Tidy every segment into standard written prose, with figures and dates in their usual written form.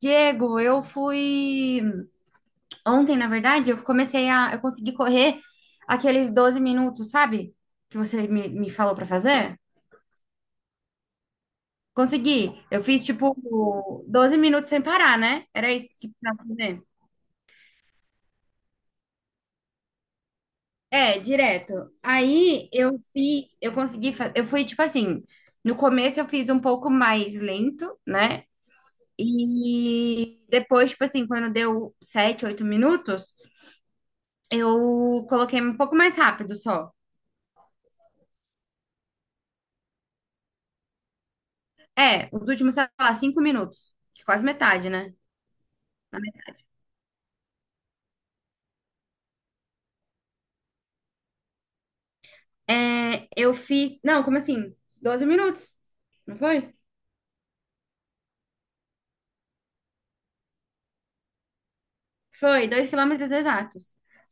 Diego, eu fui ontem, na verdade, eu consegui correr aqueles 12 minutos, sabe? Que você me falou pra fazer? Consegui. Eu fiz tipo 12 minutos sem parar, né? Era isso que precisava fazer. É, direto. Eu consegui, eu fui tipo assim, no começo eu fiz um pouco mais lento, né? E depois, tipo assim, quando deu sete, oito minutos, eu coloquei um pouco mais rápido só. É, os últimos, sei lá, cinco minutos. Que Quase metade, né? É, eu fiz. Não, como assim? 12 minutos, não foi? Foi, dois quilômetros exatos.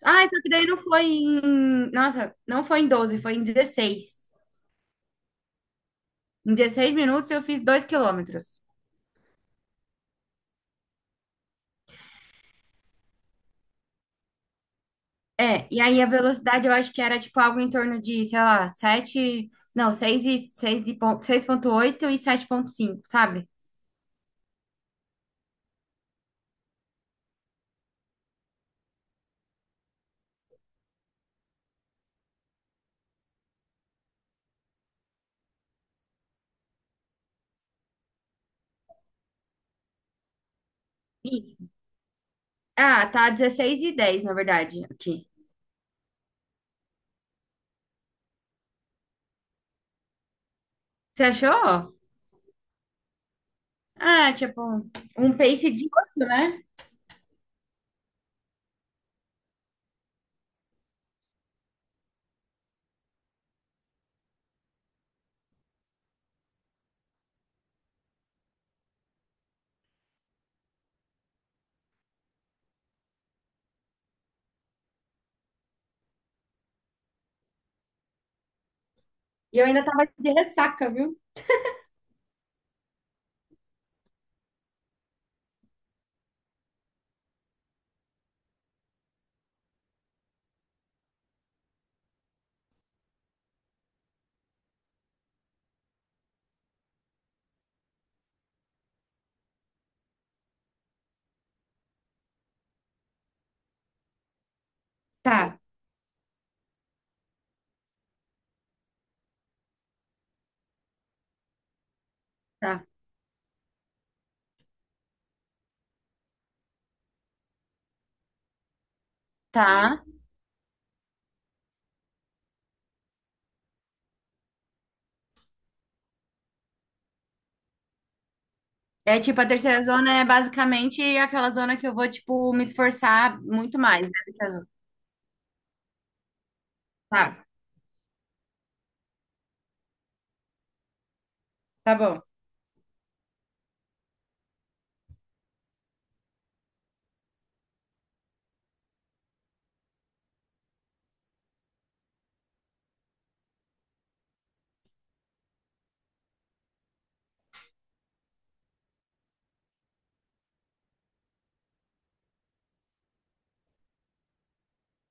Ah, só que daí não foi em. Nossa, não foi em 12, foi em dezesseis. Em 16 minutos eu fiz dois quilômetros. É, e aí a velocidade eu acho que era tipo algo em torno de, sei lá, 7, Não, 6,8 e sete vírgula cinco, sabe? Isso. Ah, tá 16 e 10 na verdade, aqui. Você achou? Ah, tipo, um pace de oito, né? E eu ainda tava de ressaca, viu? Tá, tá, tá. É tipo, a terceira zona é basicamente aquela zona que eu vou, tipo, me esforçar muito mais, né? Do que as outras. Tá, tá bom.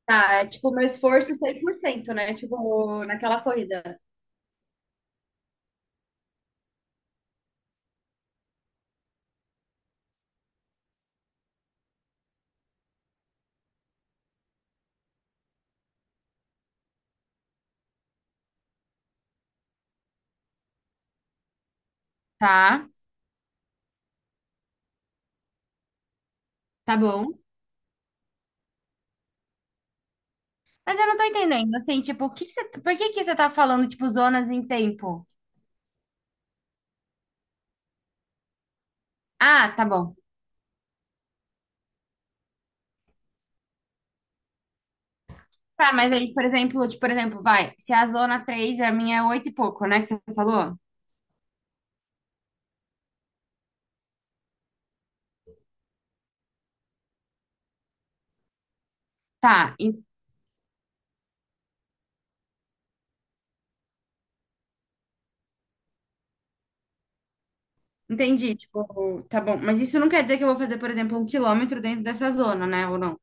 Tá, é tipo, meu esforço cem por cento, né? Tipo, naquela corrida. Tá, tá bom. Mas eu não tô entendendo, assim, tipo, o que que você, por que que você tá falando, tipo, zonas em tempo? Ah, tá bom. Tá, mas aí, por exemplo, vai, se a zona 3, a minha é 8 e pouco, né, que você falou? Tá, en- entendi. Tipo, tá bom. Mas isso não quer dizer que eu vou fazer, por exemplo, um quilômetro dentro dessa zona, né? Ou não?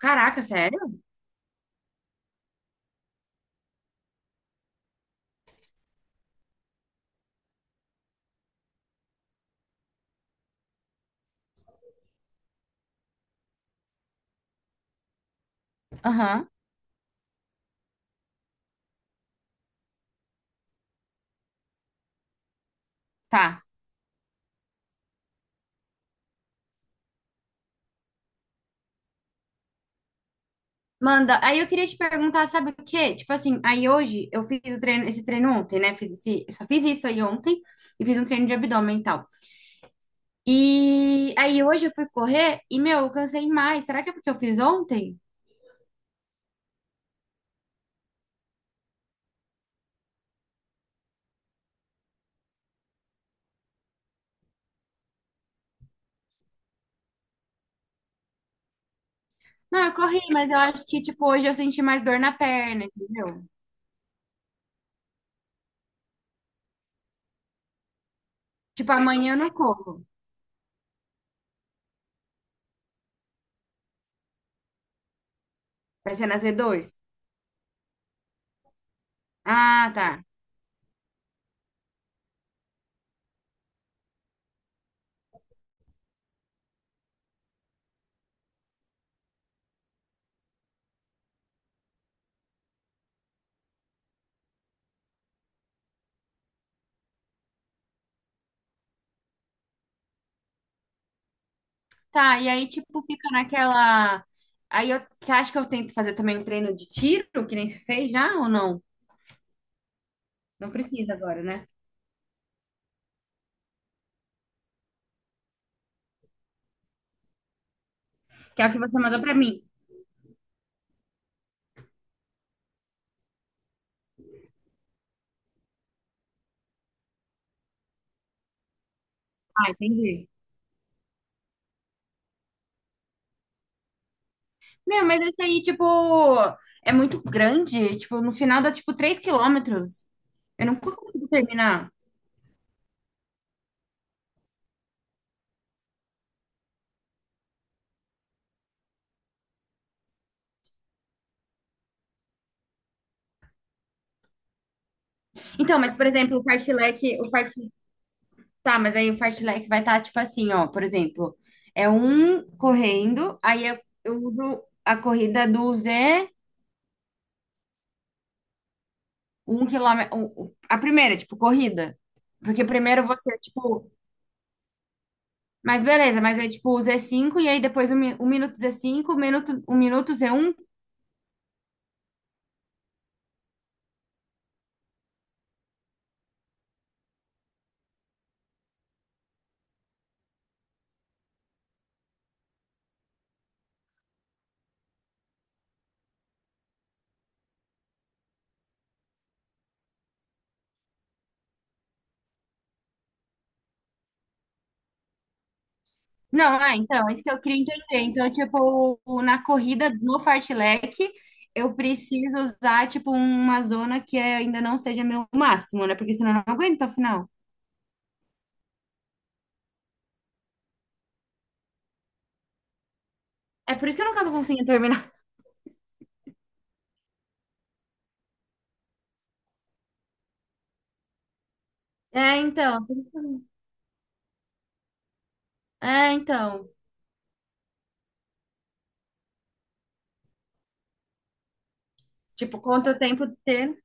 Caraca, sério? Aham, tá. Manda. Aí eu queria te perguntar, sabe o quê? Tipo assim, aí hoje eu fiz o treino, esse treino ontem, né? Fiz esse, eu só fiz isso aí ontem e fiz um treino de abdômen e tal. E aí hoje eu fui correr e, meu, eu cansei mais. Será que é porque eu fiz ontem? Não, eu corri, mas eu acho que, tipo, hoje eu senti mais dor na perna, entendeu? Tipo, amanhã eu não corro. Vai ser na z dois. Ah, tá. Tá, e aí, tipo, fica naquela. Aí eu... você acha que eu tento fazer também um treino de tiro, que nem se fez já ou não? Não precisa agora, né? Que é o que você mandou pra mim. Ah, entendi. Meu, mas esse aí, tipo, é muito grande. Tipo, no final dá, tipo, 3 quilômetros. Eu não consigo terminar. Então, mas, por exemplo, o fartlek, o fart... tá, mas aí o fartlek vai estar, tipo assim, ó, por exemplo, é um correndo, aí eu uso a corrida do Z. A primeira, tipo, corrida. Porque primeiro você, tipo. Mas beleza, mas é tipo o z cinco e aí depois o minuto z cinco o minuto z um. Não, é, então, é isso que eu queria entender. Então, tipo, na corrida no fartlek, eu preciso usar, tipo, uma zona que é, ainda não seja meu máximo, né? Porque senão eu não aguento até o final. É por isso que eu nunca tô conseguindo terminar. É, então. É, então. Tipo, quanto tempo ter.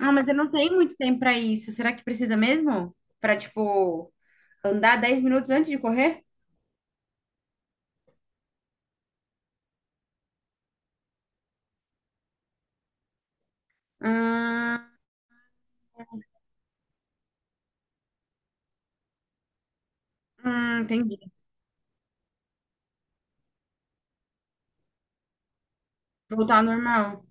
Ah, mas eu não tenho muito tempo pra isso. Será que precisa mesmo? Pra, tipo, andar dez minutos antes de correr? Hum, entendi. Voltar ao normal.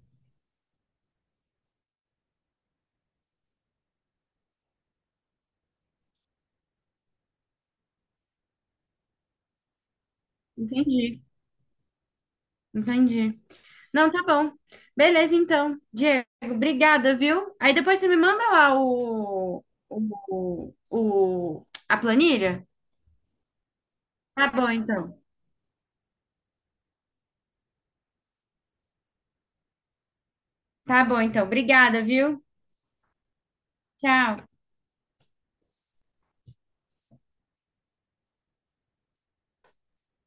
Entendi, entendi. Não, tá bom. Beleza, então. Diego, obrigada, viu? Aí depois você me manda lá a planilha? Tá bom, então. Tá bom, então. Obrigada, viu? Tchau.